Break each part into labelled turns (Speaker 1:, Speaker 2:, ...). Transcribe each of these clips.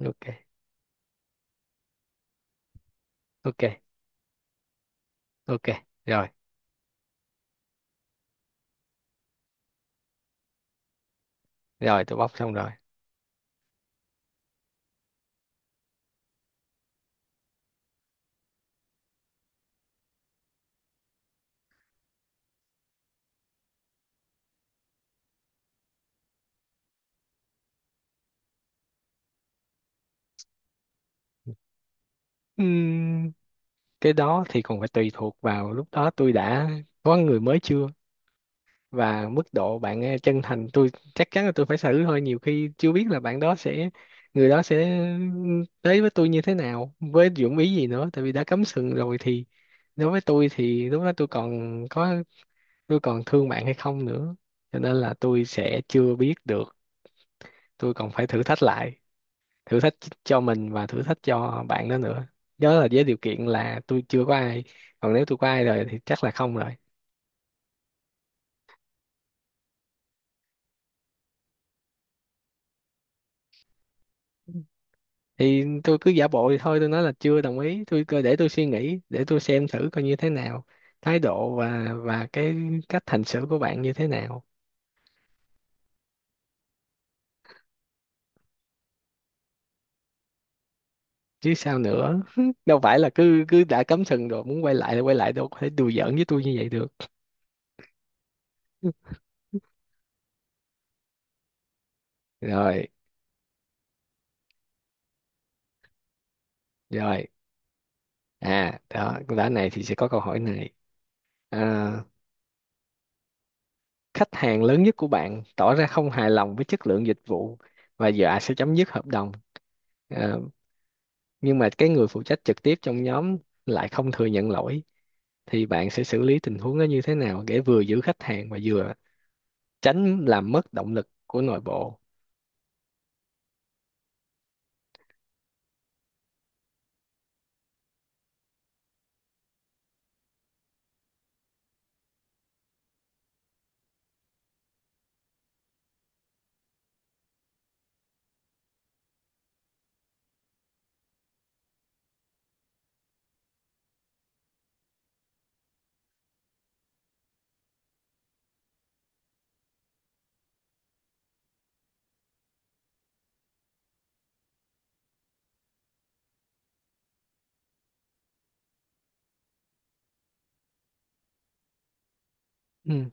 Speaker 1: Ok ok ok rồi rồi tôi bóc xong rồi. Ừm, cái đó thì còn phải tùy thuộc vào lúc đó tôi đã có người mới chưa, và mức độ bạn ấy chân thành. Tôi chắc chắn là tôi phải xử thôi, nhiều khi chưa biết là bạn đó sẽ người đó sẽ tới với tôi như thế nào, với dụng ý gì nữa. Tại vì đã cắm sừng rồi thì đối với tôi thì lúc đó tôi còn có tôi còn thương bạn hay không nữa, cho nên là tôi sẽ chưa biết được. Tôi còn phải thử thách cho mình và thử thách cho bạn đó nữa. Nhớ là với điều kiện là tôi chưa có ai, còn nếu tôi có ai rồi thì chắc là không rồi. Thì tôi cứ giả bộ thì thôi tôi nói là chưa đồng ý, tôi cứ để tôi suy nghĩ để tôi xem thử coi như thế nào, thái độ và cái cách hành xử của bạn như thế nào. Chứ sao nữa? Đâu phải là cứ cứ đã cắm sừng rồi muốn quay lại thì quay lại, đâu có thể đùa giỡn với tôi như vậy được. Rồi. Rồi, à đó đã này thì sẽ có câu hỏi này. à, Khách hàng lớn nhất của bạn tỏ ra không hài lòng với chất lượng dịch vụ và dọa sẽ chấm dứt hợp đồng, Ờ, nhưng mà cái người phụ trách trực tiếp trong nhóm lại không thừa nhận lỗi, thì bạn sẽ xử lý tình huống đó như thế nào để vừa giữ khách hàng và vừa tránh làm mất động lực của nội bộ? Ừ,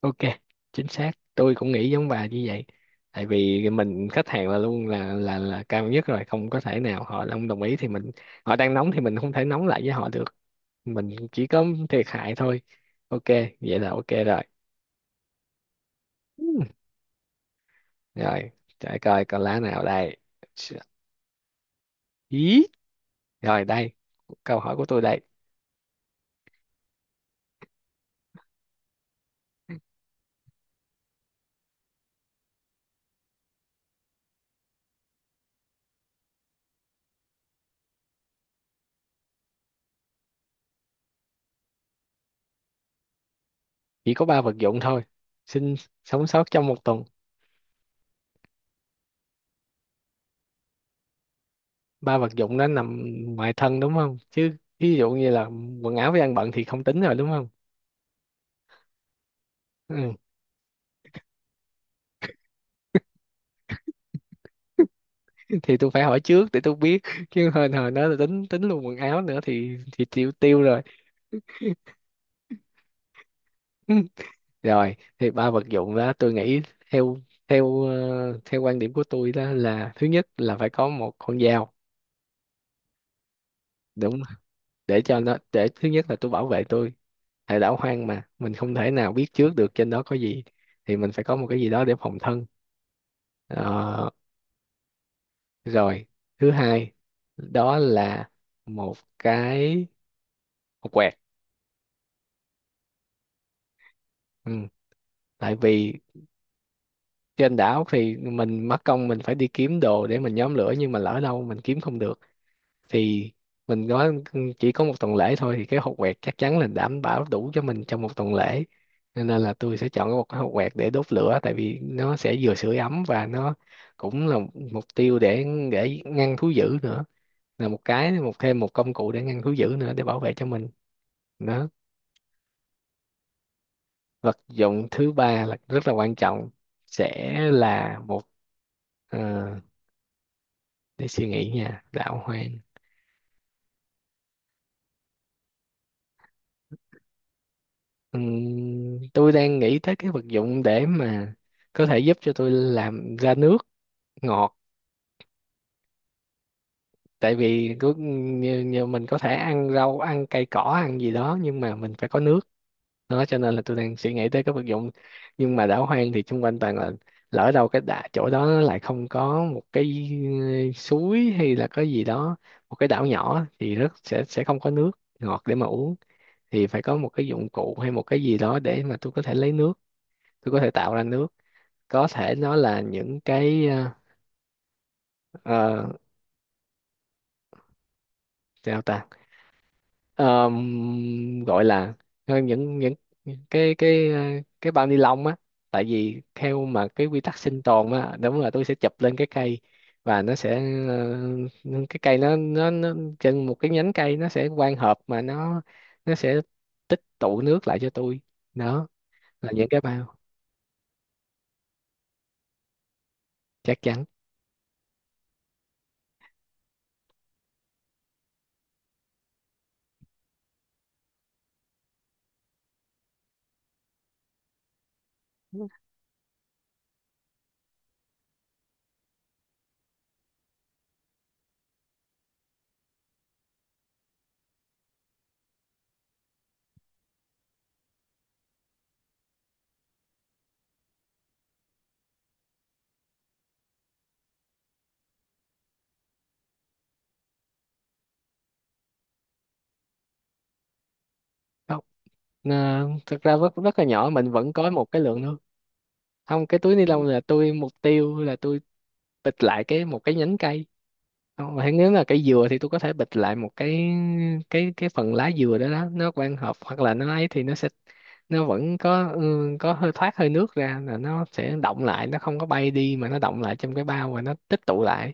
Speaker 1: ok, chính xác, tôi cũng nghĩ giống bà như vậy. Tại vì mình khách hàng là luôn là là cao nhất rồi, không có thể nào họ không đồng ý thì mình, họ đang nóng thì mình không thể nóng lại với họ được, mình chỉ có thiệt hại thôi. OK, vậy là ok rồi. Ừ. Rồi, để coi con lá nào đây. Ý, rồi đây, câu hỏi của tôi đây. Chỉ có ba vật dụng thôi? Xin. Sống sót trong một tuần. Ba vật dụng đó nằm ngoài thân đúng không? Chứ ví dụ như là quần áo với ăn bận thì không tính rồi đúng không? Ừ. Thì tôi phải hỏi trước để tôi biết, chứ hồi hồi đó là tính tính luôn quần áo nữa thì tiêu tiêu rồi. Ừ, rồi thì ba vật dụng đó tôi nghĩ, theo theo ờ, theo quan điểm của tôi đó là, thứ nhất là phải có một con dao, đúng không? Để cho nó, để thứ nhất là tôi bảo vệ tôi, tại đảo hoang mà mình không thể nào biết trước được trên đó có gì, thì mình phải có một cái gì đó để phòng thân. Ờ, rồi thứ hai đó là một cái, một quẹt. Ừ. Tại vì trên đảo thì mình mất công mình phải đi kiếm đồ để mình nhóm lửa, nhưng mà lỡ đâu mình kiếm không được, thì mình nói chỉ có một tuần lễ thôi thì cái hột quẹt chắc chắn là đảm bảo đủ cho mình trong một tuần lễ. Nên là tôi sẽ chọn một cái hột quẹt để đốt lửa, tại vì nó sẽ vừa sưởi ấm và nó cũng là mục tiêu để ngăn thú dữ nữa, là một cái, một thêm một công cụ để ngăn thú dữ nữa để bảo vệ cho mình. Đó. Vật dụng thứ ba là rất là quan trọng, sẽ là một, ờ, để suy nghĩ nha, đạo hoang. Tôi đang nghĩ tới cái vật dụng để mà có thể giúp cho tôi làm ra nước ngọt, tại vì cứ như, như mình có thể ăn rau ăn cây cỏ ăn gì đó, nhưng mà mình phải có nước. Đó, cho nên là tôi đang suy nghĩ tới cái vật dụng. Nhưng mà đảo hoang thì xung quanh toàn là, lỡ đâu cái đà, chỗ đó nó lại không có một cái, suối hay là cái gì đó. Một cái đảo nhỏ thì rất sẽ không có nước ngọt để mà uống. Thì phải có một cái dụng cụ hay một cái gì đó để mà tôi có thể lấy nước, tôi có thể tạo ra nước. Có thể nó là những cái, ờ, sao ta. Gọi là, ờ, những cái ờ, cái bao ni lông á. Tại vì theo mà cái quy tắc sinh tồn á, đúng là tôi sẽ chụp lên cái cây và nó sẽ, ờ, cái cây nó trên một cái nhánh cây, nó sẽ quang hợp mà nó sẽ tích tụ nước lại cho tôi. Đó, là những cái bao. Chắc chắn. Không, ờ, thực ra rất rất là nhỏ mình vẫn có một cái lượng nước. Không, cái túi ni lông là tôi, mục tiêu là tôi bịch lại cái một cái nhánh cây. Không, mà nếu là cây dừa thì tôi có thể bịch lại một cái, cái phần lá dừa đó, đó nó quang hợp hoặc là nó ấy thì nó sẽ, nó vẫn có ừ, có hơi thoát hơi nước ra là nó sẽ động lại, nó không có bay đi mà nó động lại trong cái bao và nó tích tụ lại.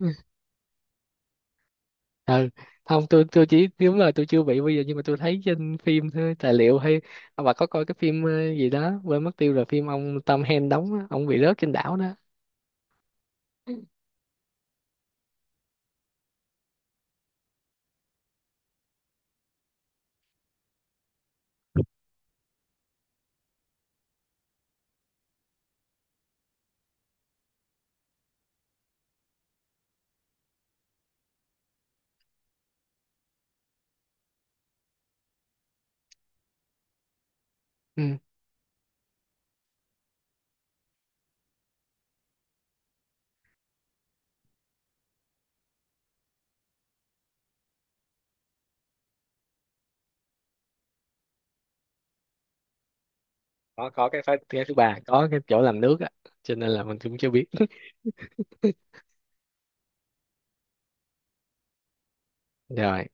Speaker 1: Ừ. Ừ. Không tôi chỉ đúng là tôi chưa bị bây giờ, nhưng mà tôi thấy trên phim thôi, tài liệu hay. À, bà có coi cái phim gì đó quên mất tiêu rồi, phim ông Tom Hanks đóng á, ông bị rớt trên đảo đó. Ừ. Có cái phá, cái thứ ba có cái chỗ làm nước á, cho nên là mình cũng chưa biết. Rồi.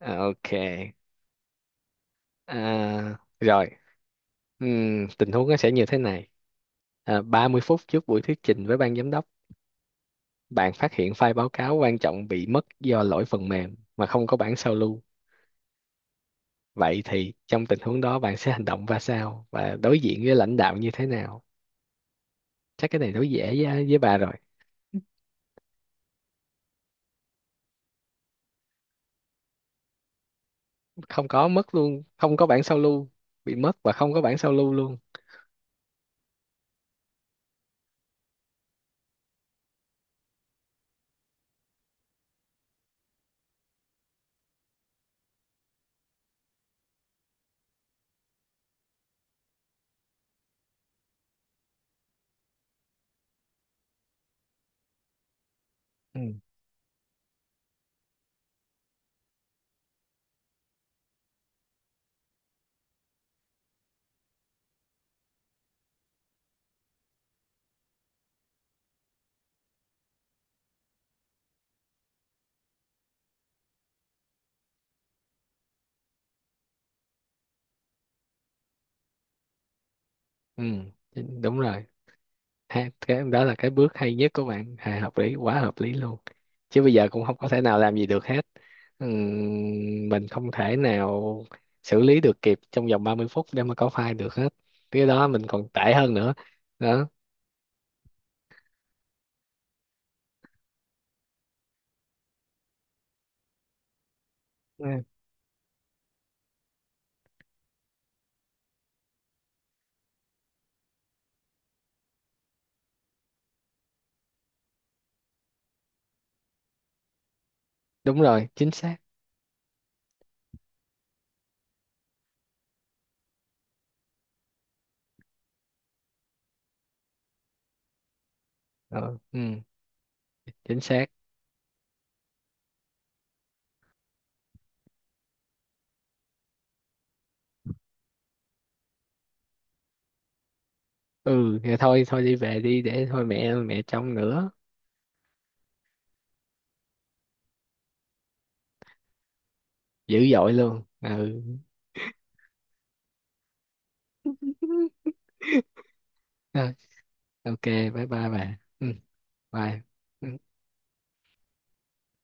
Speaker 1: À, ok. À, rồi. Tình huống nó sẽ như thế này: 30 phút trước buổi thuyết trình với ban giám đốc, bạn phát hiện file báo cáo quan trọng bị mất do lỗi phần mềm mà không có bản sao lưu, vậy thì trong tình huống đó bạn sẽ hành động ra sao và đối diện với lãnh đạo như thế nào? Chắc cái này đối dễ với bà rồi. Không có mất luôn không có bản sao lưu. Bị mất và không có bản sao lưu luôn. Ừ, chính- đúng rồi. Ha, cái đó là cái bước hay nhất của bạn, à, hợp lý quá, hợp lý luôn. Chứ bây giờ cũng không có thể nào làm gì được hết. Ừm, mình không thể nào xử lý được kịp trong vòng 30 phút để mà có file được hết, cái đó mình còn tệ hơn nữa. Đó. Ừ, đúng rồi, chính xác. Ờ, ừ, chính xác. Ừ thì thôi thôi đi về đi, để thôi mẹ mẹ trông nữa. Dữ dội luôn. Ừ. Rồi, ok, bye bye bà. Ừ, bye. Ừ.